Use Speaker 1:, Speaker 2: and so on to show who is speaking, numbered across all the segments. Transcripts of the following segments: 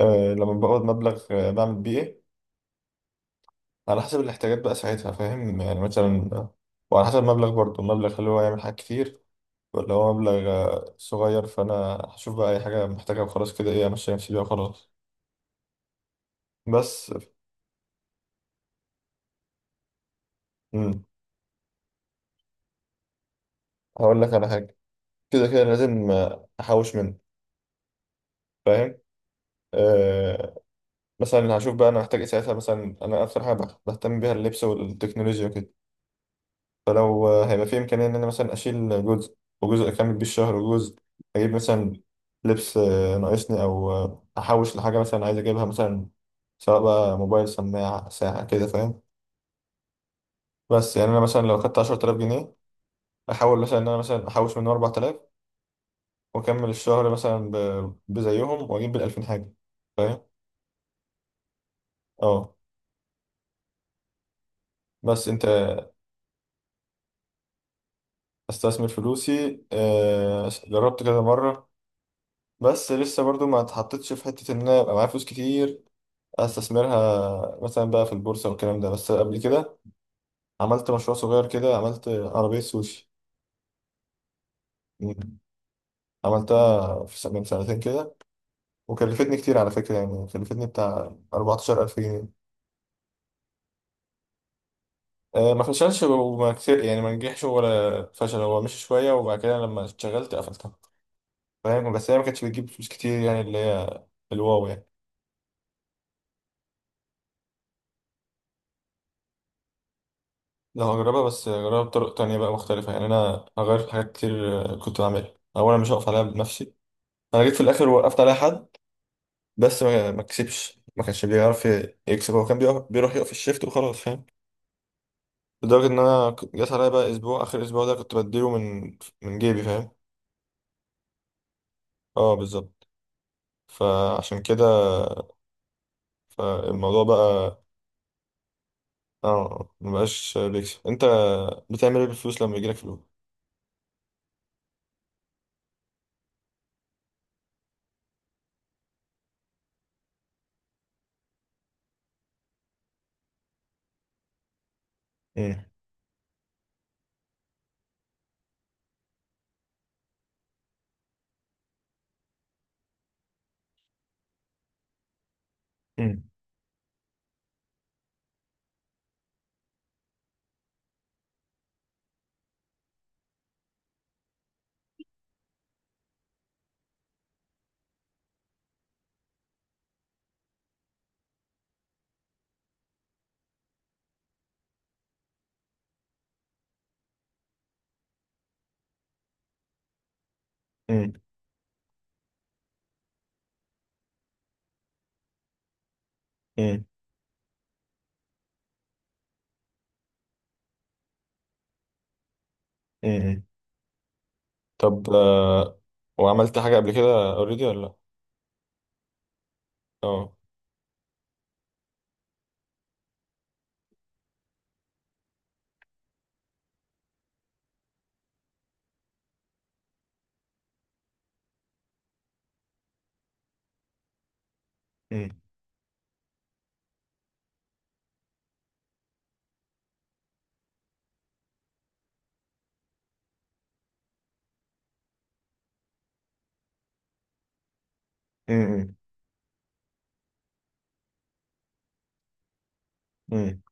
Speaker 1: آه، لما بقبض مبلغ بعمل بيه ايه. على حسب الاحتياجات بقى ساعتها، فاهم؟ يعني مثلا وعلى حسب المبلغ برضه، المبلغ هل هو يعمل حاجات كتير ولا هو مبلغ صغير. فانا هشوف بقى اي حاجه محتاجها وخلاص، كده ايه، امشي نفسي بيها وخلاص. بس. امم هقول لك على حاجه. كده كده لازم احوش منه، فاهم؟ آه. مثلا هشوف بقى انا محتاج ايه ساعتها. مثلا انا اكتر حاجه بهتم بيها اللبس والتكنولوجيا وكده. فلو هيبقى في إمكانية إن أنا مثلا أشيل جزء، وجزء أكمل بيه الشهر، وجزء أجيب مثلا لبس ناقصني، أو أحوش لحاجة مثلا عايز أجيبها، مثلا سواء بقى موبايل، سماعة، ساعة كده، فاهم؟ بس يعني أنا مثلا لو خدت 10000 جنيه، أحاول مثلا إن أنا مثلا أحوش منهم 4000 وأكمل الشهر مثلا بزيهم وأجيب بالألفين حاجة، فاهم؟ أه بس أنت. استثمر فلوسي، جربت كذا مرة. بس لسه برضو ما اتحطتش في حتة إن أنا يبقى معايا فلوس كتير استثمرها مثلا بقى في البورصه والكلام ده. بس قبل كده عملت مشروع صغير كده، عملت عربيه سوشي. مم. عملتها في سنة من سنتين كده، وكلفتني كتير على فكره، يعني كلفتني بتاع 14000 جنيه. ما فشلش وما كتير، يعني ما نجحش ولا فشل، هو مشي شويه وبعد كده لما اشتغلت قفلتها، فاهم؟ بس هي ما كانتش بتجيب فلوس كتير، يعني اللي هي الواو يعني. لو هجربها بس هجربها بطرق تانية بقى مختلفة، يعني أنا هغير في حاجات كتير كنت بعملها. أولا مش هقف عليها بنفسي، أنا جيت في الآخر وقفت عليها حد، بس ما كسبش، ما كانش بيعرف يكسب. هو كان بيروح يقف الشيفت وخلاص، فاهم؟ لدرجة إن أنا جات عليا بقى أسبوع، آخر أسبوع ده كنت بديله من جيبي، فاهم؟ اه بالظبط. فعشان كده، فالموضوع بقى. اه مبقاش بيكسب. أنت بتعمل إيه بالفلوس لما يجيلك فلوس؟ مم. مم. مم. مم. مم. طب وعملت حاجة قبل كده أوريدي ولا لأ؟ اه. مم. مم. مم.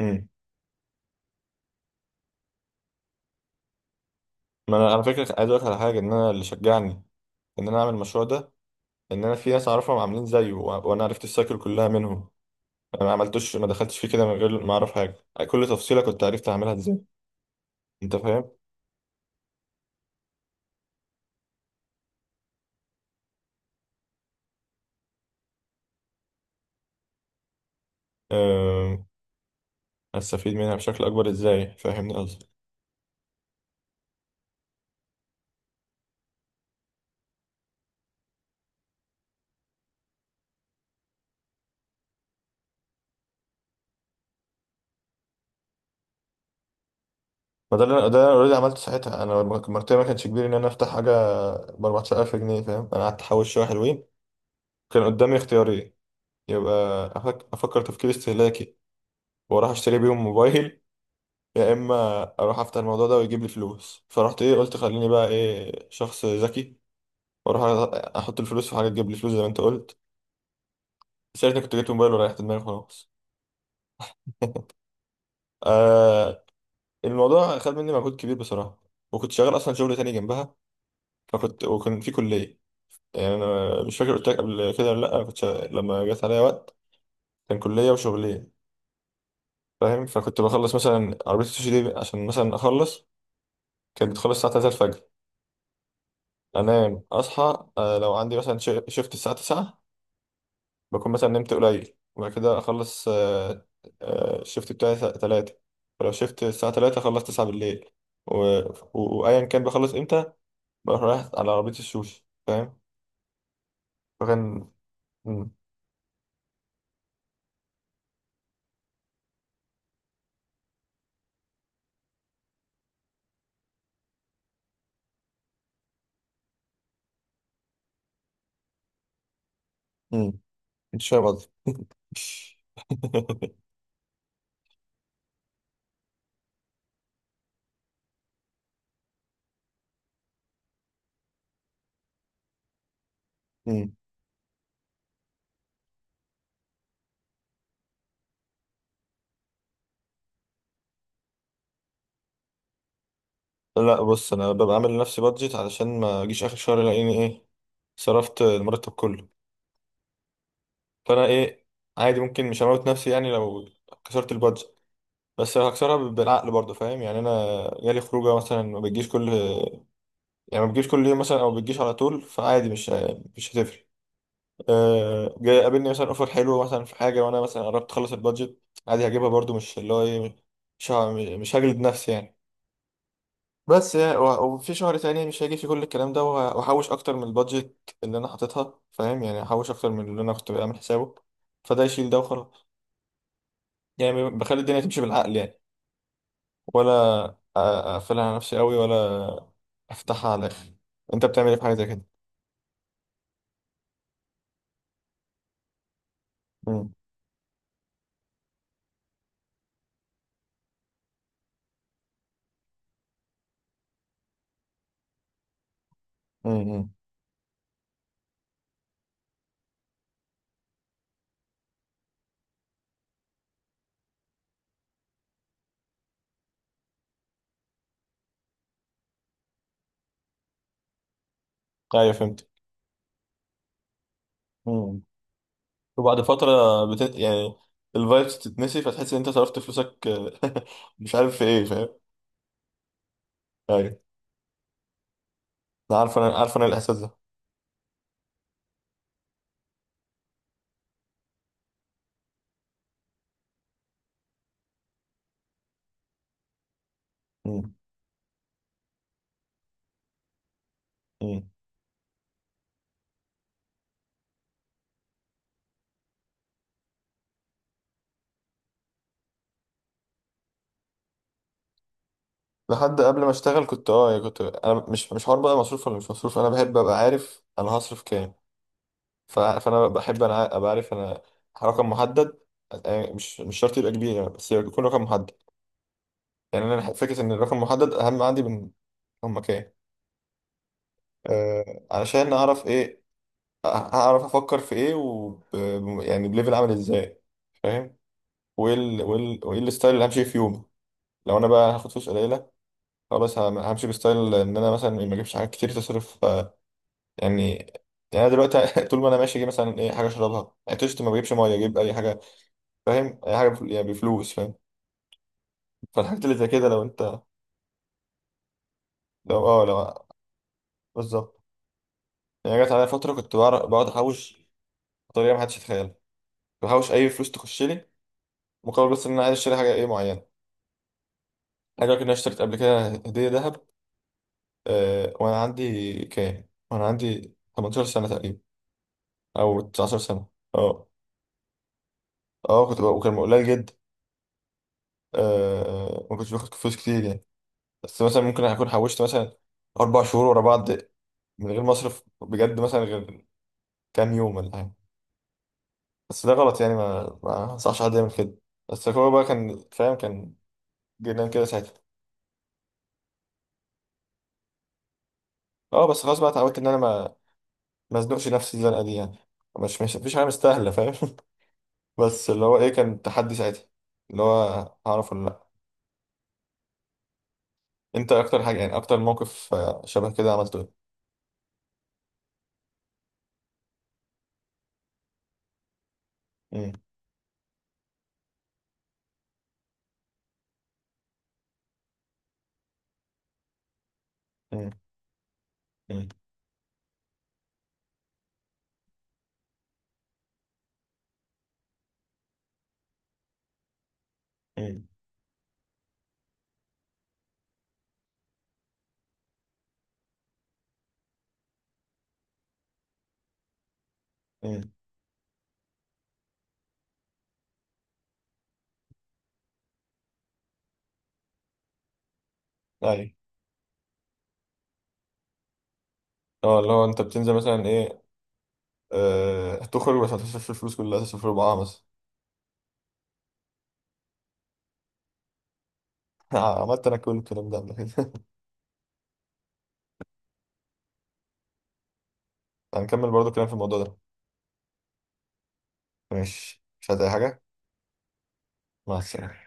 Speaker 1: مم. ما أنا على فكرة عايز أقولك على حاجة، إن أنا اللي شجعني ان انا اعمل المشروع ده، ان انا في ناس اعرفهم عاملين زيه، وانا عرفت السايكل كلها منهم. انا ما عملتوش، ما دخلتش فيه كده من غير ما اعرف حاجه، كل تفصيله كنت عرفت اعملها ازاي. انت فاهم. أه... استفيد منها بشكل اكبر ازاي، فاهمني قصدي؟ ما ده اللي ده اللي انا اوريدي عملته ساعتها. انا مرتبه ما كانش كبير ان انا افتح حاجه ب 14000 جنيه، فاهم؟ انا قعدت احوش شويه حلوين. كان قدامي اختيارين، يبقى افكر تفكير استهلاكي واروح اشتري بيهم موبايل، يا اما اروح افتح الموضوع ده ويجيب لي فلوس. فرحت ايه، قلت خليني بقى ايه شخص ذكي واروح احط الفلوس في حاجه تجيب لي فلوس زي ما انت قلت. ساعتها كنت جبت موبايل وريحت دماغي خلاص. آه. الموضوع خد مني مجهود كبير بصراحه، وكنت شغال اصلا شغل تاني جنبها. فكنت وكان في كليه، يعني انا مش فاكر قلت لك قبل كده ولا لا، انا كنت لما جت عليا وقت كان كليه وشغليه، فاهم؟ فكنت بخلص مثلا عربيه السوشي دي عشان مثلا اخلص، كانت بتخلص الساعه 3 الفجر، انام اصحى آه لو عندي مثلا شيفت الساعه 9، بكون مثلا نمت قليل وبعد كده اخلص الشيفت بتاعي الساعة 3. ولو شيفت الساعة 3 اخلص 9 بالليل، و... و... وايا كان بخلص امتى بروح رايح على عربية السوشي، فاهم؟ فكان. مم. مم. انت فاهم قصدي؟ مم. لا بص انا ببقى عامل لنفسي بادجت علشان ما اجيش اخر شهر الاقيني ايه صرفت المرتب كله. فانا ايه، عادي ممكن مش هموت نفسي يعني لو كسرت البادجت، بس هكسرها بالعقل برضه، فاهم؟ يعني انا جالي خروجه مثلا، ما بتجيش كل، يعني ما بتجيش كل يوم مثلا، او ما بتجيش على طول، فعادي مش هتفرق. أه جاي قابلني مثلا اوفر حلو مثلا في حاجه، وانا مثلا قربت اخلص البادجت، عادي هجيبها برضه، مش اللي هو ايه، مش هجلد نفسي يعني. بس يعني وفي شهر تاني مش هيجي فيه كل الكلام ده وهحوش اكتر من البادجت اللي انا حاططها، فاهم؟ يعني هحوش اكتر من اللي انا كنت بعمل حسابه، فده يشيل ده وخلاص. يعني بخلي الدنيا تمشي بالعقل يعني، ولا اقفلها على نفسي قوي، ولا افتحها على الاخر؟ انت بتعمل ايه في حاجه زي كده؟ امم. امم. ايوه فهمت. امم. وبعد فتره يعني الفايبس تتنسي، فتحس ان انت صرفت فلوسك، مش عارف في ايه، فاهم؟ ايوه. انا عارف انا الاحساس ده. امم. امم. لحد قبل ما اشتغل كنت اه، يعني كنت انا مش حوار بقى مصروف ولا مش مصروف، انا بحب ابقى عارف انا هصرف كام. فانا بحب انا ابقى عارف انا رقم محدد، يعني مش شرط يبقى كبير يعني، بس يكون رقم محدد. يعني انا فكره ان الرقم محدد اهم عندي من رقم كام. آه علشان اعرف ايه، هعرف افكر في ايه، و، يعني بليفل عامل ازاي، فاهم؟ وايه ال... وايه ال... وايه الستايل اللي همشي فيه في يومي. لو انا بقى هاخد فلوس قليله، خلاص همشي بستايل ان انا مثلا ما اجيبش حاجات كتير تصرف يعني. يعني انا دلوقتي طول ما انا ماشي اجيب مثلا ايه حاجه اشربها، عطشت ما بجيبش ميه، اجيب اي حاجه، فاهم؟ اي حاجه يعني بفلوس، فاهم؟ فالحاجات اللي زي كده لو انت. لو اه لو. بالظبط. يعني جت عليا فتره كنت بقعد احوش بطريقه ما حدش يتخيلها، بحوش اي فلوس تخش لي، مقابل بس ان انا عايز اشتري حاجه ايه معينه. حاجه كده، انا اشتريت قبل كده هديه ذهب، آه وانا عندي كام، وانا عندي 18 سنه تقريبا او 19 سنه. اه. اه كنت بقى وكان قليل جدا. آه ما كنتش باخد فلوس كتير يعني، بس مثلا ممكن اكون حوشت مثلا اربع شهور ورا بعض من غير ما اصرف بجد، مثلا غير كام يوم ولا حاجه. بس ده غلط يعني، ما انصحش حد يعمل كده، بس هو بقى كان فاهم، كان جنان كده ساعتها. اه بس خلاص بقى اتعودت ان انا ما ازنقش نفسي الزنقه دي يعني، مش مفيش حاجه مستاهله، فاهم؟ بس اللي هو ايه، كان تحدي ساعتها اللي هو هعرف ولا لا. انت اكتر حاجه يعني اكتر موقف شبه كده عملته ايه؟ مم. مم. مم. مم. مم. ايوه. اه اللي هو انت بتنزل مثلا ايه، هتخرج بس هتصرف الفلوس كلها، هتصرف ربعها مثلا. عملت انا كل الكلام ده قبل كده. هنكمل برضو كلام في الموضوع ده. ماشي مش عايز اي حاجه. مع السلامه.